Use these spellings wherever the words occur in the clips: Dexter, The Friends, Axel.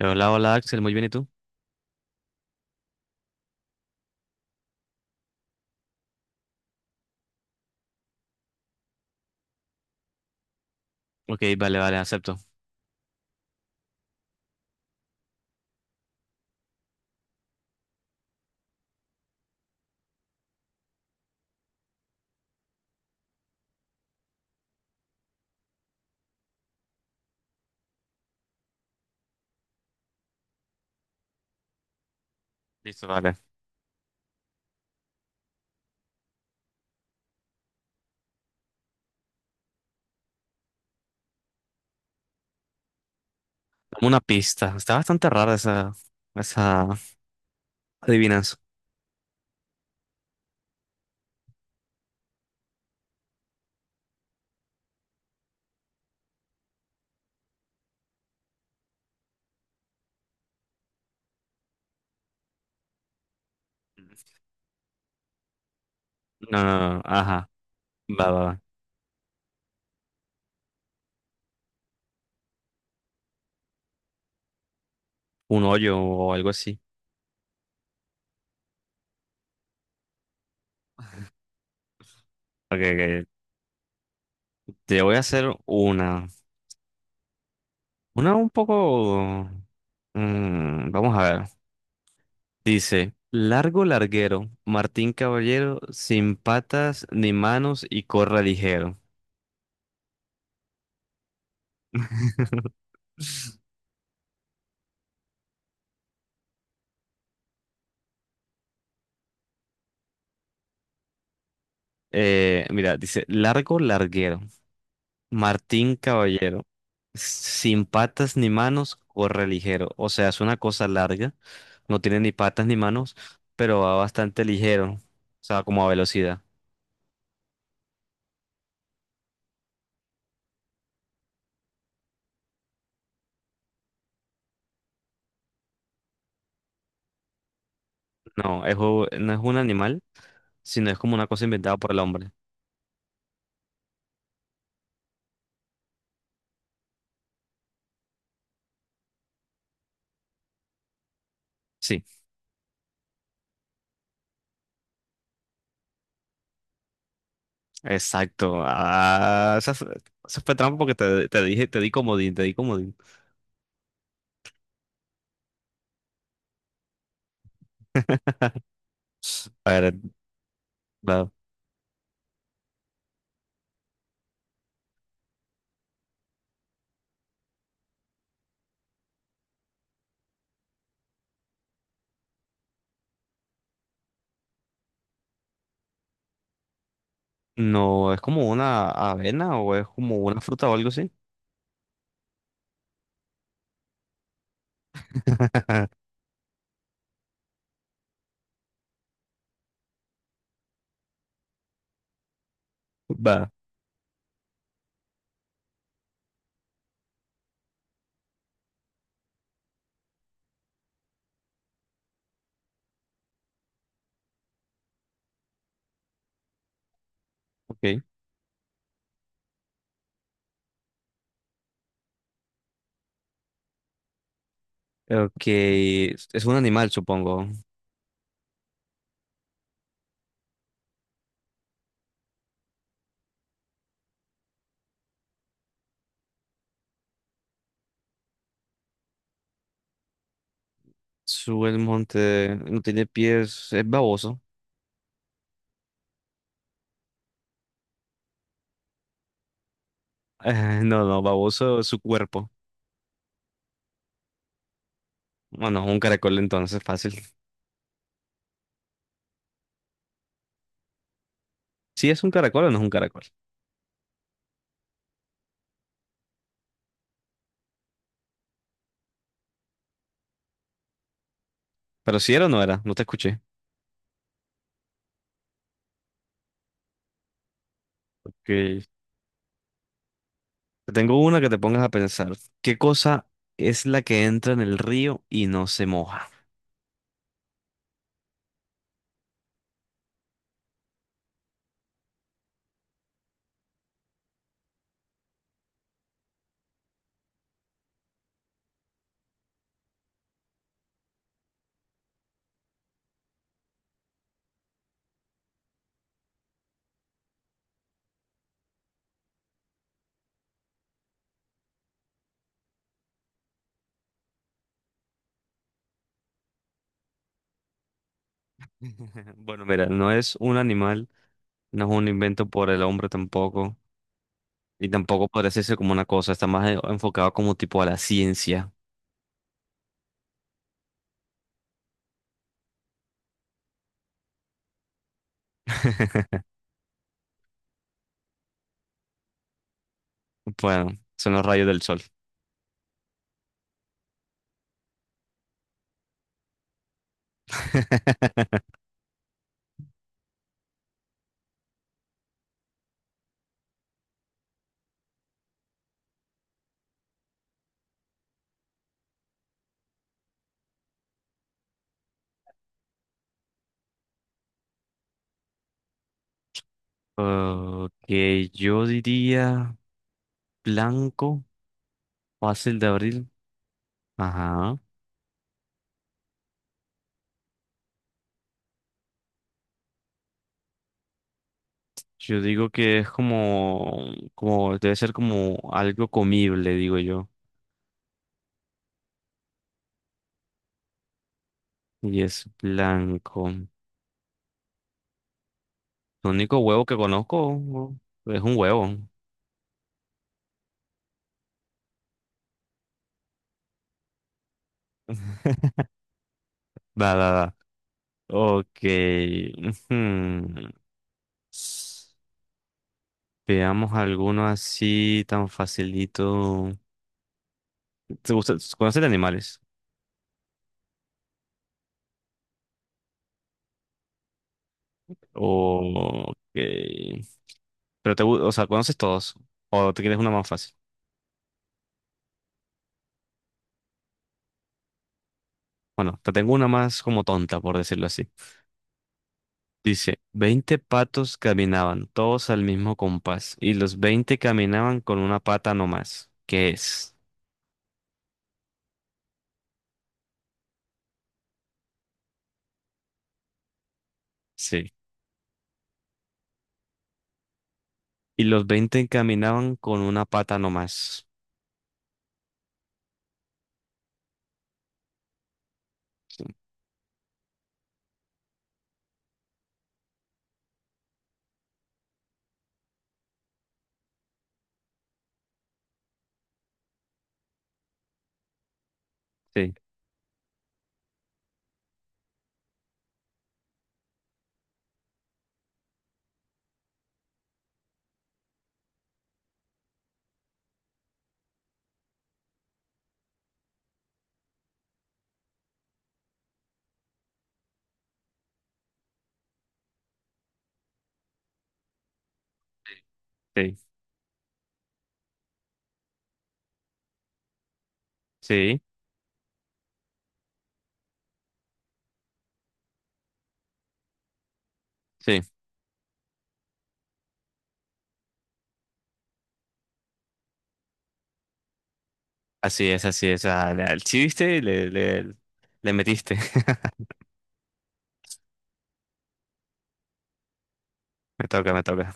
Hola, hola Axel, muy bien, ¿y tú? Ok, vale, vale, acepto. Listo, vale. Dame una pista. Está bastante rara esa adivinanza. No, no, no, ajá. Va, va, va. Un hoyo o algo así. Ok, ok. Te voy a hacer una. Una un poco. Vamos a ver. Dice: Largo larguero, Martín Caballero, sin patas ni manos y corre ligero. Mira, dice: Largo larguero. Martín Caballero. Sin patas ni manos, corre ligero. O sea, es una cosa larga. No tiene ni patas ni manos, pero va bastante ligero. O sea, como a velocidad. No, no es un animal, sino es como una cosa inventada por el hombre. Sí, exacto. Ah, esa fue trampa porque te dije, te di comodín, te di comodín. A ver, va. No, es como una avena o es como una fruta o algo así. Va, ok. Ok, es un animal, supongo. Sube el monte, no tiene pies, es baboso. No, no, baboso es su cuerpo. Bueno, es un caracol entonces, fácil. ¿Sí es un caracol o no es un caracol? Pero si era o no era, no te escuché. Ok, te tengo una que te pongas a pensar. ¿Qué cosa es la que entra en el río y no se moja? Bueno, mira, no es un animal, no es un invento por el hombre tampoco, y tampoco podría decirse como una cosa, está más enfocado como tipo a la ciencia. Bueno, son los rayos del sol. Ok, yo diría blanco, fácil de abrir. Ajá. Yo digo que es debe ser como algo comible, digo yo. Y es blanco. El único huevo que conozco es un huevo. Va, va, va. Ok. Ujú. Veamos alguno así tan facilito. ¿Te gusta? ¿Conoces de animales? O ok. Pero o sea, ¿conoces todos? ¿O te quieres una más fácil? Bueno, te tengo una más como tonta, por decirlo así. Dice, 20 patos caminaban, todos al mismo compás, y los 20 caminaban con una pata nomás. ¿Qué es? Sí. Y los 20 caminaban con una pata nomás. Sí, sí, sí, sí, sí. Así es, así es. Al chiste le metiste. Me toca, me toca.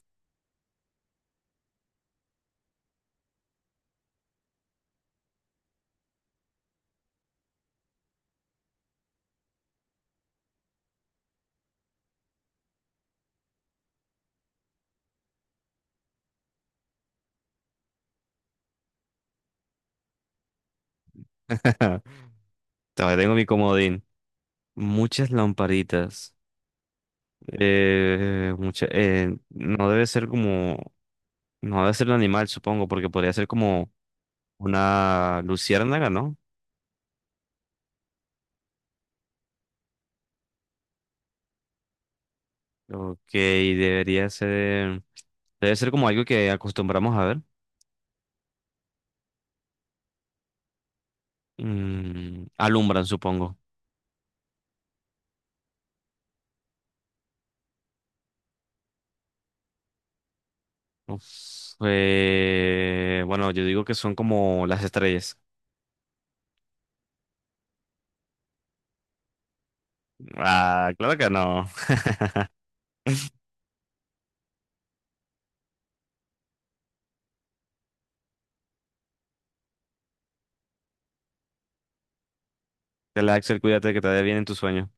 Todavía tengo mi comodín. Muchas lamparitas. No debe ser como. No debe ser el animal, supongo, porque podría ser como una luciérnaga, ¿no? Ok, debería ser. Debe ser como algo que acostumbramos a ver. Alumbran, supongo. Uf, bueno, yo digo que son como las estrellas. Ah, claro que no. Axel, cuídate que te vaya bien en tu sueño.